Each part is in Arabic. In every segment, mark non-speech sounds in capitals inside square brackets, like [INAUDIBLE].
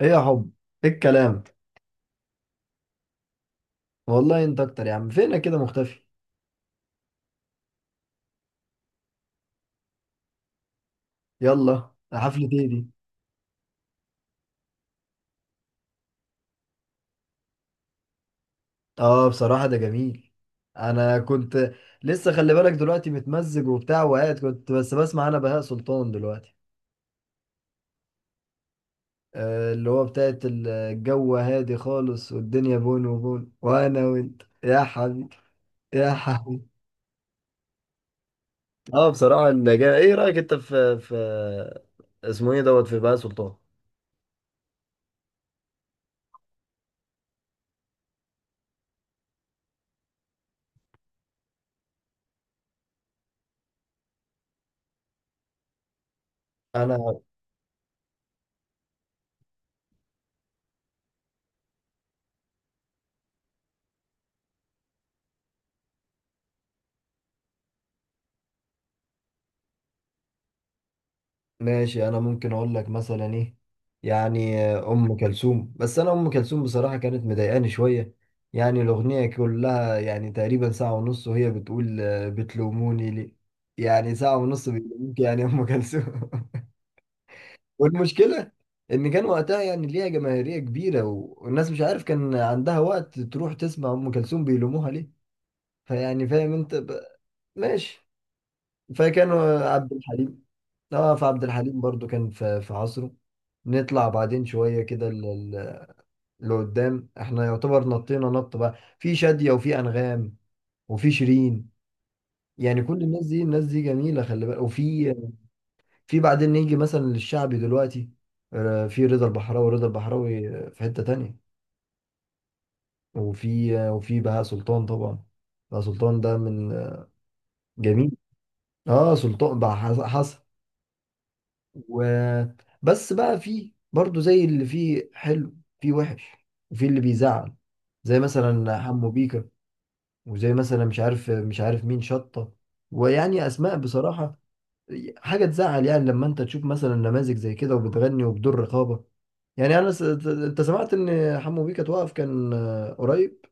ايه يا حب. ايه الكلام. والله انت اكتر يا عم، فينك كده مختفي؟ يلا حفلة ايه دي؟ اه بصراحة ده جميل. انا كنت لسه، خلي بالك دلوقتي متمزج وبتاع وقاعد، كنت بس بسمع انا بهاء سلطان دلوقتي. اللي هو بتاعت الجو هادي خالص والدنيا بون وبون وانا وانت يا حبيبي يا حبيبي. اه بصراحة، ايه رأيك انت في اسمه ايه دوت في بهاء سلطان؟ انا ماشي، انا ممكن اقول لك مثلا ايه، يعني ام كلثوم. بس انا ام كلثوم بصراحه كانت مضايقاني شويه، يعني الاغنيه كلها يعني تقريبا ساعه ونص وهي بتقول بتلوموني ليه. يعني ساعه ونص بيلوموك يعني يا ام كلثوم. [LAUGHS] والمشكله ان كان وقتها يعني ليها جماهيريه كبيره والناس مش عارف كان عندها وقت تروح تسمع ام كلثوم بيلوموها ليه. فيعني فاهم انت ب... ماشي. فكانوا عبد الحليم. اه فعبد الحليم برضو كان في عصره. نطلع بعدين شوية كده لقدام، احنا يعتبر نطينا نط بقى في شادية وفي أنغام وفي شيرين. يعني كل الناس دي، الناس دي جميلة، خلي بالك. وفي، في بعدين نيجي مثلا للشعبي دلوقتي. آه، في رضا البحراوي، رضا البحراوي. آه، في حتة تانية وفي آه، وفي بهاء سلطان طبعا. بهاء سلطان ده من آه، جميل. اه سلطان بقى حصل. و بس بقى، في برضو زي اللي فيه حلو في وحش، وفي اللي بيزعل، زي مثلا حمو بيكا وزي مثلا مش عارف مين شطة. ويعني أسماء بصراحة حاجة تزعل، يعني لما أنت تشوف مثلا نماذج زي كده وبتغني وبدون رقابة. يعني أنا س... أنت سمعت إن حمو بيكا توقف كان قريب؟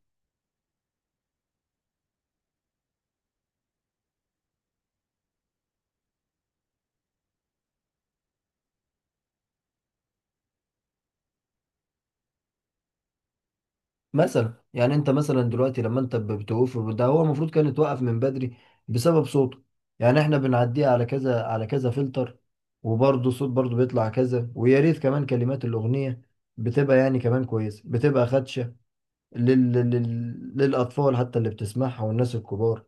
مثلا يعني انت مثلا دلوقتي لما انت بتوقف ده، هو المفروض كان يتوقف من بدري بسبب صوته. يعني احنا بنعديه على كذا على كذا فلتر وبرضه الصوت برضه بيطلع كذا، ويا ريت كمان كلمات الاغنيه بتبقى يعني كمان كويسه، بتبقى خدشه للاطفال حتى اللي بتسمعها والناس الكبار.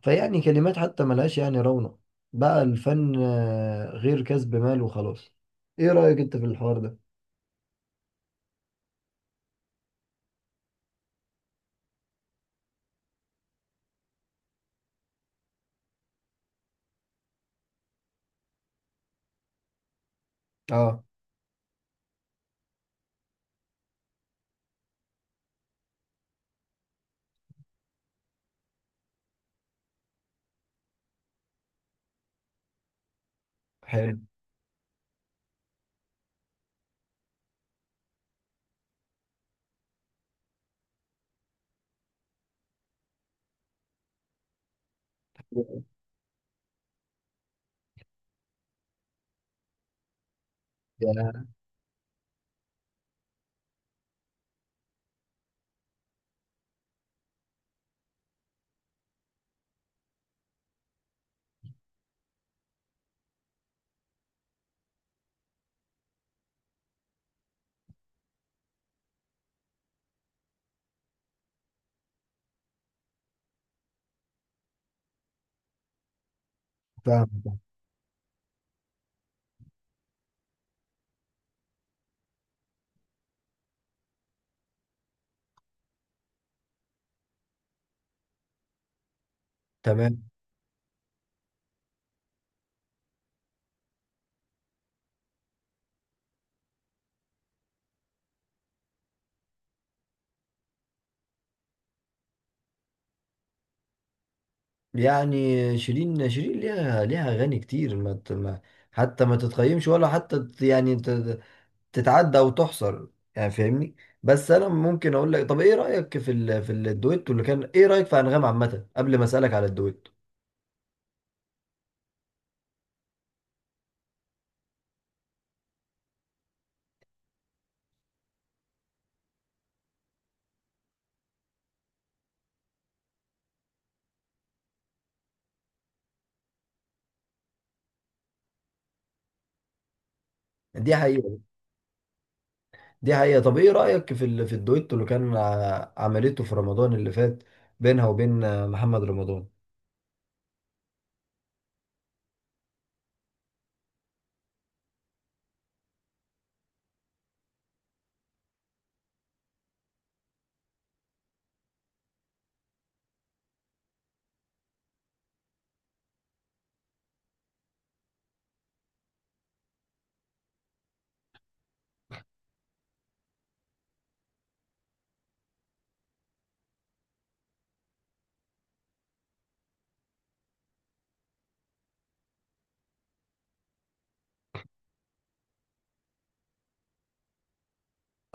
فيعني كلمات حتى ملهاش يعني رونق، بقى الفن آه، غير كسب مال وخلاص. ايه رايك انت في الحوار ده؟ اه حلو. [LAUGHS] يعني فاهم. تمام، يعني شيرين، شيرين ليها، ليها اغاني كتير ما حتى ما تتقيمش ولا حتى يعني تتعدى او تحصر، يعني فاهمني. بس انا ممكن اقول لك، طب ايه رايك في ال... في الدويتو اللي كان، ايه رايك في انغام عامه قبل ما اسالك على الدويتو؟ دي حقيقه. دي حقيقه. طب ايه رايك في ال... في الدويتو اللي كان عملته في رمضان اللي فات بينها وبين محمد رمضان؟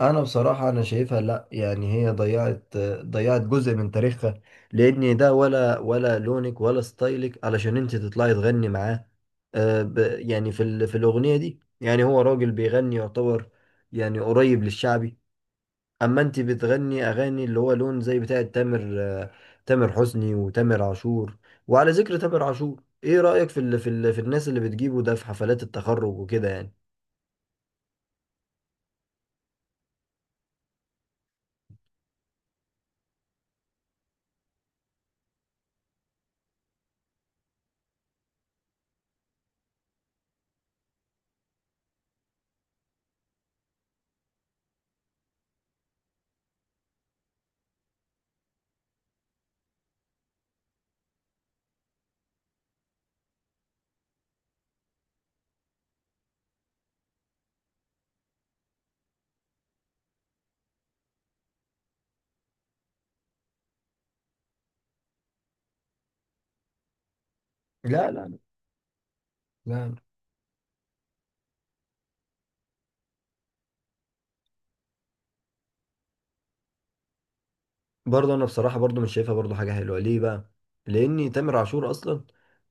انا بصراحة انا شايفها لا، يعني هي ضيعت، ضيعت جزء من تاريخها، لان ده ولا لونك ولا ستايلك علشان انت تطلعي تغني معاه. آه، يعني في في الاغنية دي يعني هو راجل بيغني يعتبر، يعني قريب للشعبي. اما انت بتغني اغاني اللي هو لون زي بتاعة تامر، آه، تامر حسني وتامر عاشور. وعلى ذكر تامر عاشور، ايه رأيك في ال في ال في الناس اللي بتجيبه ده في حفلات التخرج وكده يعني؟ لا، لا، لا. برضه انا بصراحه برضه مش شايفها برضه حاجه حلوه. ليه بقى؟ لان تامر عاشور اصلا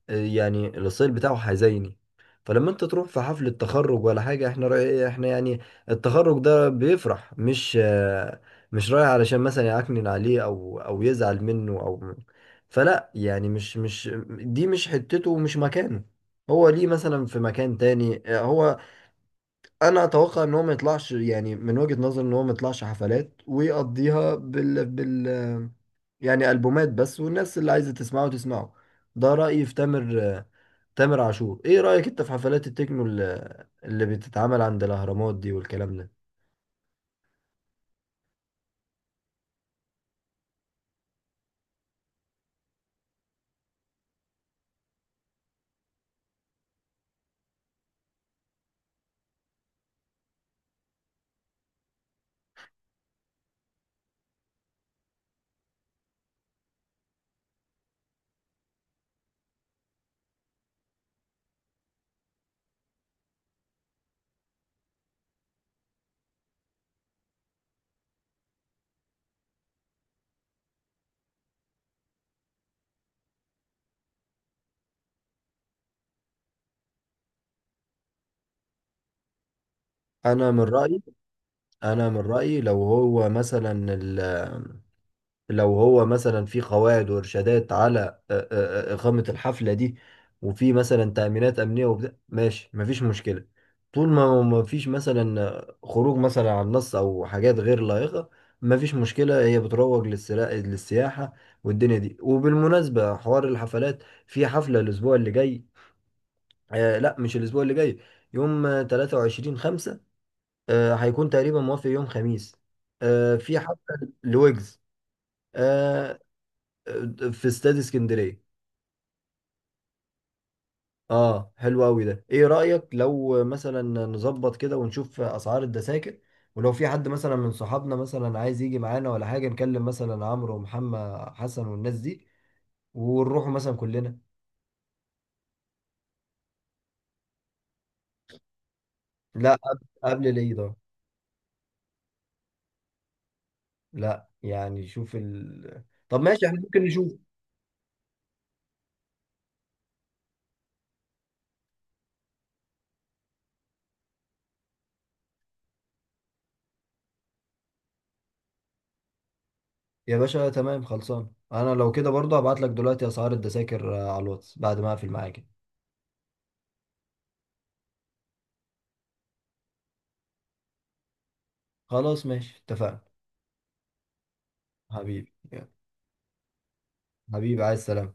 آه، يعني الستايل بتاعه حزيني، فلما انت تروح في حفله تخرج ولا حاجه، احنا رأي إيه؟ احنا يعني التخرج ده بيفرح، مش آه، مش رايح علشان مثلا يعكنن عليه او او يزعل منه او. فلا يعني مش حتته ومش مكانه. هو ليه مثلا في مكان تاني آه، هو انا اتوقع ان هو ما يطلعش، يعني من وجهة نظر ان هو ما يطلعش حفلات ويقضيها بال يعني البومات بس، والناس اللي عايزة تسمعه تسمعه. ده رأيي في تامر، تامر عاشور. ايه رأيك انت في حفلات التكنو اللي بتتعمل عند الاهرامات دي والكلام ده؟ انا من رأيي، انا من رأيي لو هو مثلا، لو هو مثلا في قواعد وارشادات على إقامة الحفلة دي، وفي مثلا تأمينات أمنية وبتاع، ماشي مفيش مشكلة. طول ما مفيش مثلا آه، خروج مثلا عن النص أو حاجات غير لائقة، مفيش مشكلة. هي بتروج للسياحة والدنيا دي. وبالمناسبة حوار الحفلات، في حفلة الأسبوع اللي جاي، آه لا مش الأسبوع اللي جاي، يوم 23 5، آه هيكون تقريبا موافق يوم خميس، آه في حفلة لويجز في استاد اسكندريه. اه حلو قوي ده. ايه رايك لو مثلا نظبط كده ونشوف اسعار التذاكر، ولو في حد مثلا من صحابنا مثلا عايز يجي معانا ولا حاجه، نكلم مثلا عمرو ومحمد حسن والناس دي ونروحوا مثلا كلنا. لا قبل، قبل العيد اه. لا يعني شوف ال... طب ماشي احنا ممكن نشوف. يا باشا تمام خلصان، انا لو كده برضه هبعت لك دلوقتي اسعار التذاكر آه، على الواتس بعد ما اقفل معاك. خلاص ماشي اتفقنا. حبيبي يلا. حبيبي عايز سلام.